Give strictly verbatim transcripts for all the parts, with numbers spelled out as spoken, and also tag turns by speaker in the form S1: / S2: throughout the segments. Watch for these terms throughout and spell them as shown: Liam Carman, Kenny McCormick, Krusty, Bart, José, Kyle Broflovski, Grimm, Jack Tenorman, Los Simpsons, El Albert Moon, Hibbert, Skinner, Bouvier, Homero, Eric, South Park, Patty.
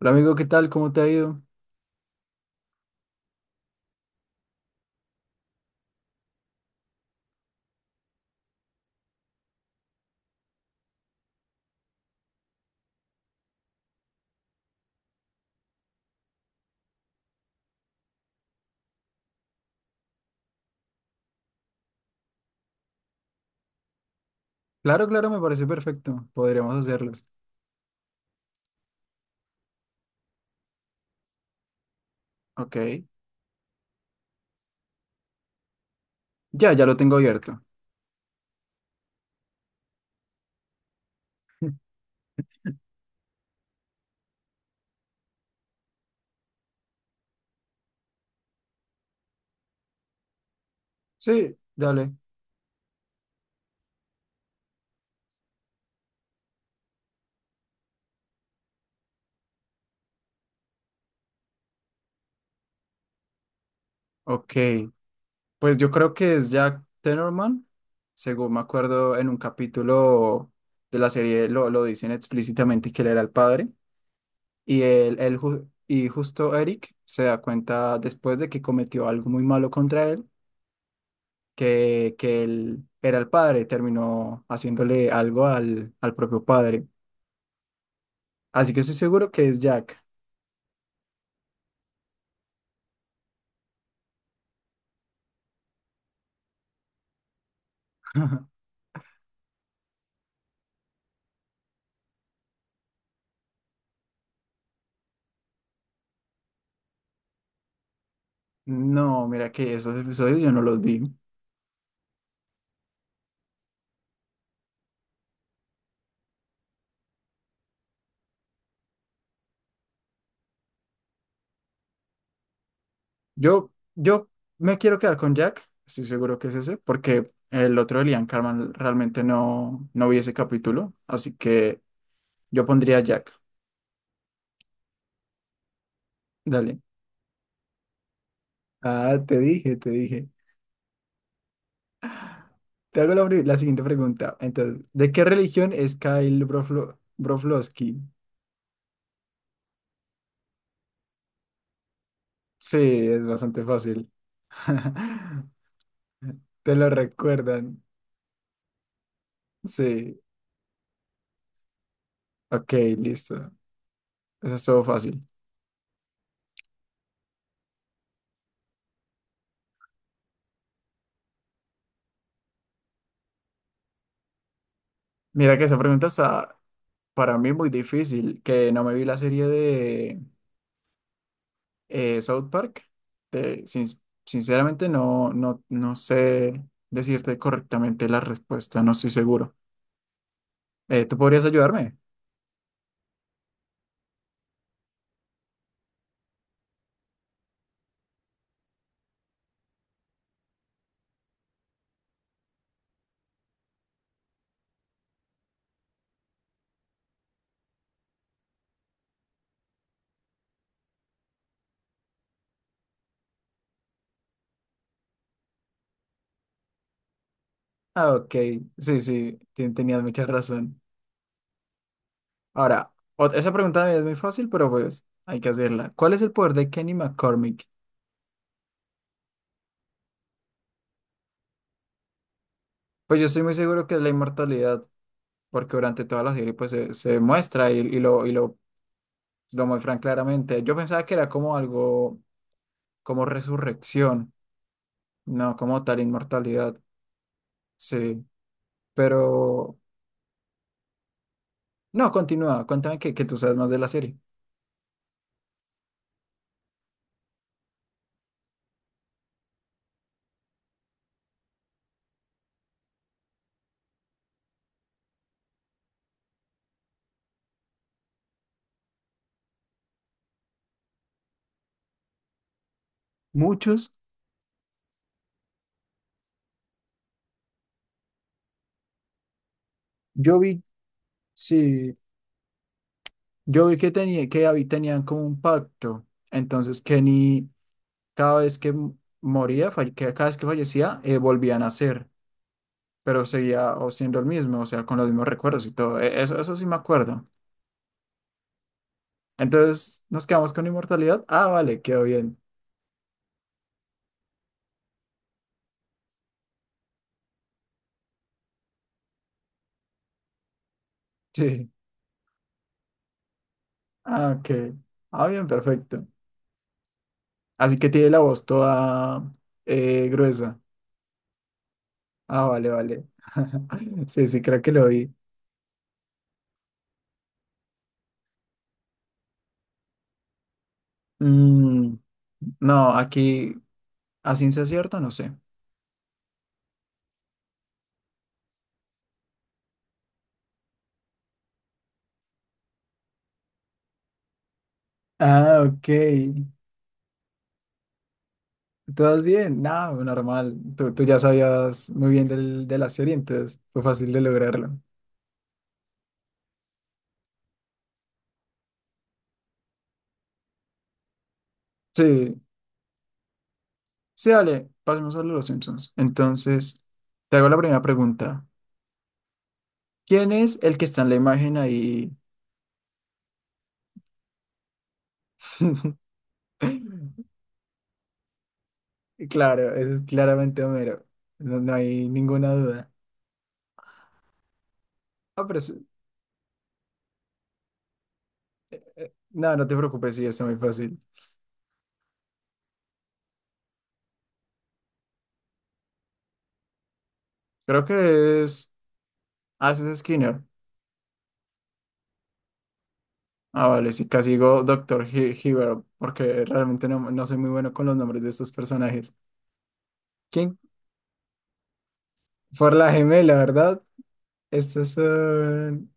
S1: Hola amigo, ¿qué tal? ¿Cómo te ha ido? Claro, claro, me parece perfecto. Podríamos hacerlos. Ok. Ya, ya lo tengo abierto. Sí, dale. Ok. Pues yo creo que es Jack Tenorman. Según me acuerdo, en un capítulo de la serie lo, lo dicen explícitamente que él era el padre. Y él, él ju- y justo Eric se da cuenta después de que cometió algo muy malo contra él, que, que él era el padre. Terminó haciéndole algo al, al propio padre. Así que estoy seguro que es Jack. No, mira que esos episodios yo no los vi. Yo, yo me quiero quedar con Jack, estoy seguro que es ese, porque el otro de Liam Carman realmente no, no vi ese capítulo, así que yo pondría Jack. Dale. Ah, te dije, te dije. Te hago la, pri- la siguiente pregunta. Entonces, ¿de qué religión es Kyle Broflo- Broflovski? Sí, es bastante fácil. Te lo recuerdan. Sí. Ok, listo. Eso estuvo fácil. Mira que esa pregunta está para mí muy difícil, que no me vi la serie de eh, South Park. Te- sin- Sinceramente no, no, no sé decirte correctamente la respuesta, no estoy seguro. Eh, ¿tú podrías ayudarme? Ah, ok, sí, sí, ten- tenías mucha razón. Ahora, ot- esa pregunta es muy fácil, pero pues hay que hacerla. ¿Cuál es el poder de Kenny McCormick? Pues yo estoy muy seguro que es la inmortalidad, porque durante toda la serie pues se, se muestra y, y lo, y lo lo muestran claramente. Yo pensaba que era como algo, como resurrección, no como tal inmortalidad. Sí, pero no, continúa, cuéntame que, que tú sabes más de la serie. Muchos, yo vi, sí, yo vi que tenía, que habí- tenían como un pacto. Entonces Kenny, cada vez que m- moría, falle- que cada vez que fallecía, eh, volvía a nacer, pero seguía o siendo el mismo, o sea, con los mismos recuerdos y todo. E- Eso, eso sí me acuerdo. Entonces, ¿nos quedamos con inmortalidad? Ah, vale, quedó bien. Sí. Ah, ok. Ah, bien, perfecto. Así que tiene la voz toda eh, gruesa. Ah, vale, vale. Sí, sí, creo que lo vi. Mm, no, aquí a ciencia cierta no sé. Ah, ok. ¿Todas bien? No, normal. Tú, tú ya sabías muy bien del, de la serie, entonces fue fácil de lograrlo. Sí, sí, dale, pasemos a los Simpsons. Entonces, te hago la primera pregunta. ¿Quién es el que está en la imagen ahí? Y claro, ese es claramente Homero. No, no hay ninguna duda. Ah, pero es- no, no te preocupes, sí, está muy fácil. Creo que es. Ah, ese es Skinner. Ah, vale, sí, casi digo Doctor He Hibbert, porque realmente no, no soy muy bueno con los nombres de estos personajes. ¿Quién? Por la gemela, ¿verdad? Estos son.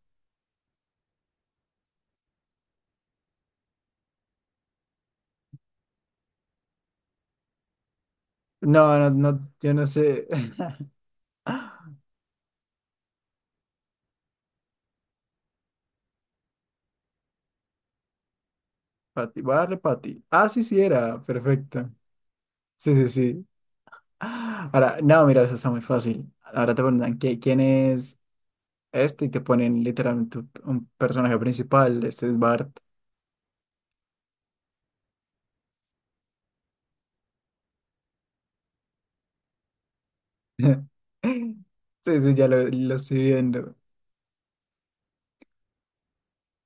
S1: No, no, no, yo no sé. Patty, voy a darle Patty. Ah, sí, sí, era. Perfecto. Sí, sí, sí. Ahora, no, mira, eso está muy fácil. Ahora te preguntan, ¿qué- ¿quién es? Este y te ponen literalmente un, un personaje principal, este es Bart. Sí, sí, ya lo, lo estoy viendo.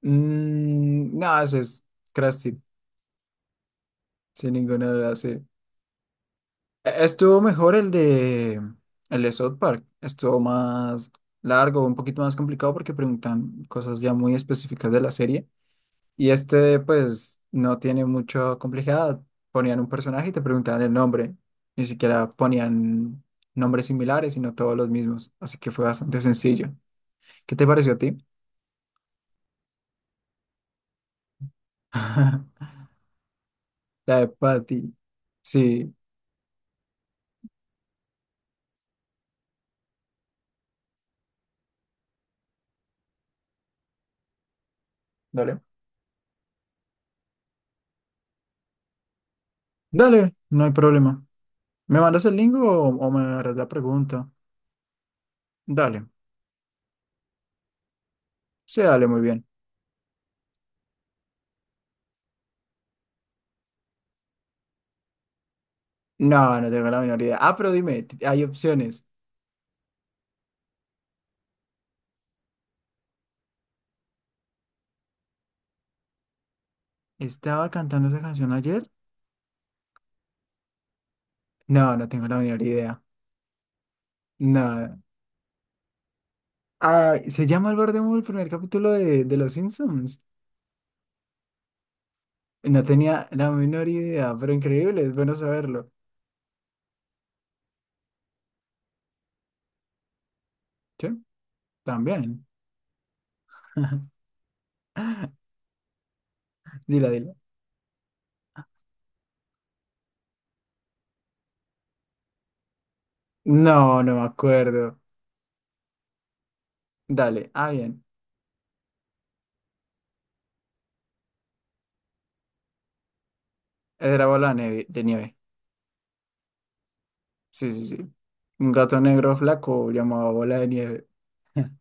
S1: Mm, no, ese es Krusty, sin ninguna duda, sí. E- Estuvo mejor el de, el de South Park, estuvo más largo, un poquito más complicado porque preguntan cosas ya muy específicas de la serie. Y este, pues, no tiene mucha complejidad. Ponían un personaje y te preguntaban el nombre. Ni siquiera ponían nombres similares, sino todos los mismos. Así que fue bastante sencillo. ¿Qué te pareció a ti? La de Patty. Sí. Dale. Dale, no hay problema. ¿Me mandas el link o, o me harás la pregunta? Dale. Sí, dale, muy bien. No, no tengo la menor idea. Ah, pero dime, t- hay opciones. ¿Estaba cantando esa canción ayer? No, no tengo la menor idea. No. Ah, se llama El Albert Moon el primer capítulo de, de Los Simpsons. No tenía la menor idea, pero increíble, es bueno saberlo. Sí, también. Dila, dila. No, no me acuerdo. Dale, ah, bien. Esa era bola de nieve, de nieve. Sí, sí, sí. Un gato negro flaco llamado bola de nieve.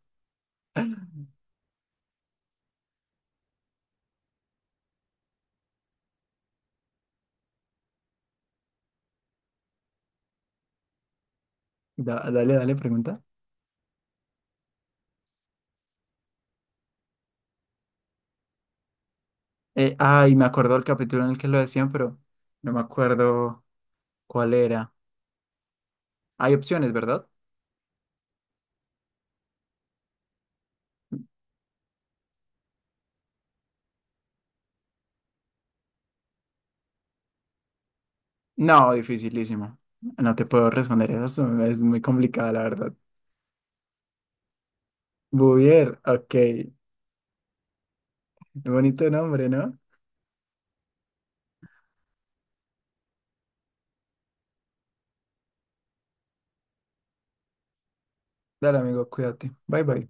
S1: Da- dale, dale, pregunta. Eh, ay, me acuerdo del capítulo en el que lo decían, pero no me acuerdo cuál era. Hay opciones, ¿verdad? No, dificilísimo. No te puedo responder eso, es muy complicada, la verdad. Bouvier, ok. Bonito nombre, ¿no? Dale, amigo, cuídate. Bye, bye.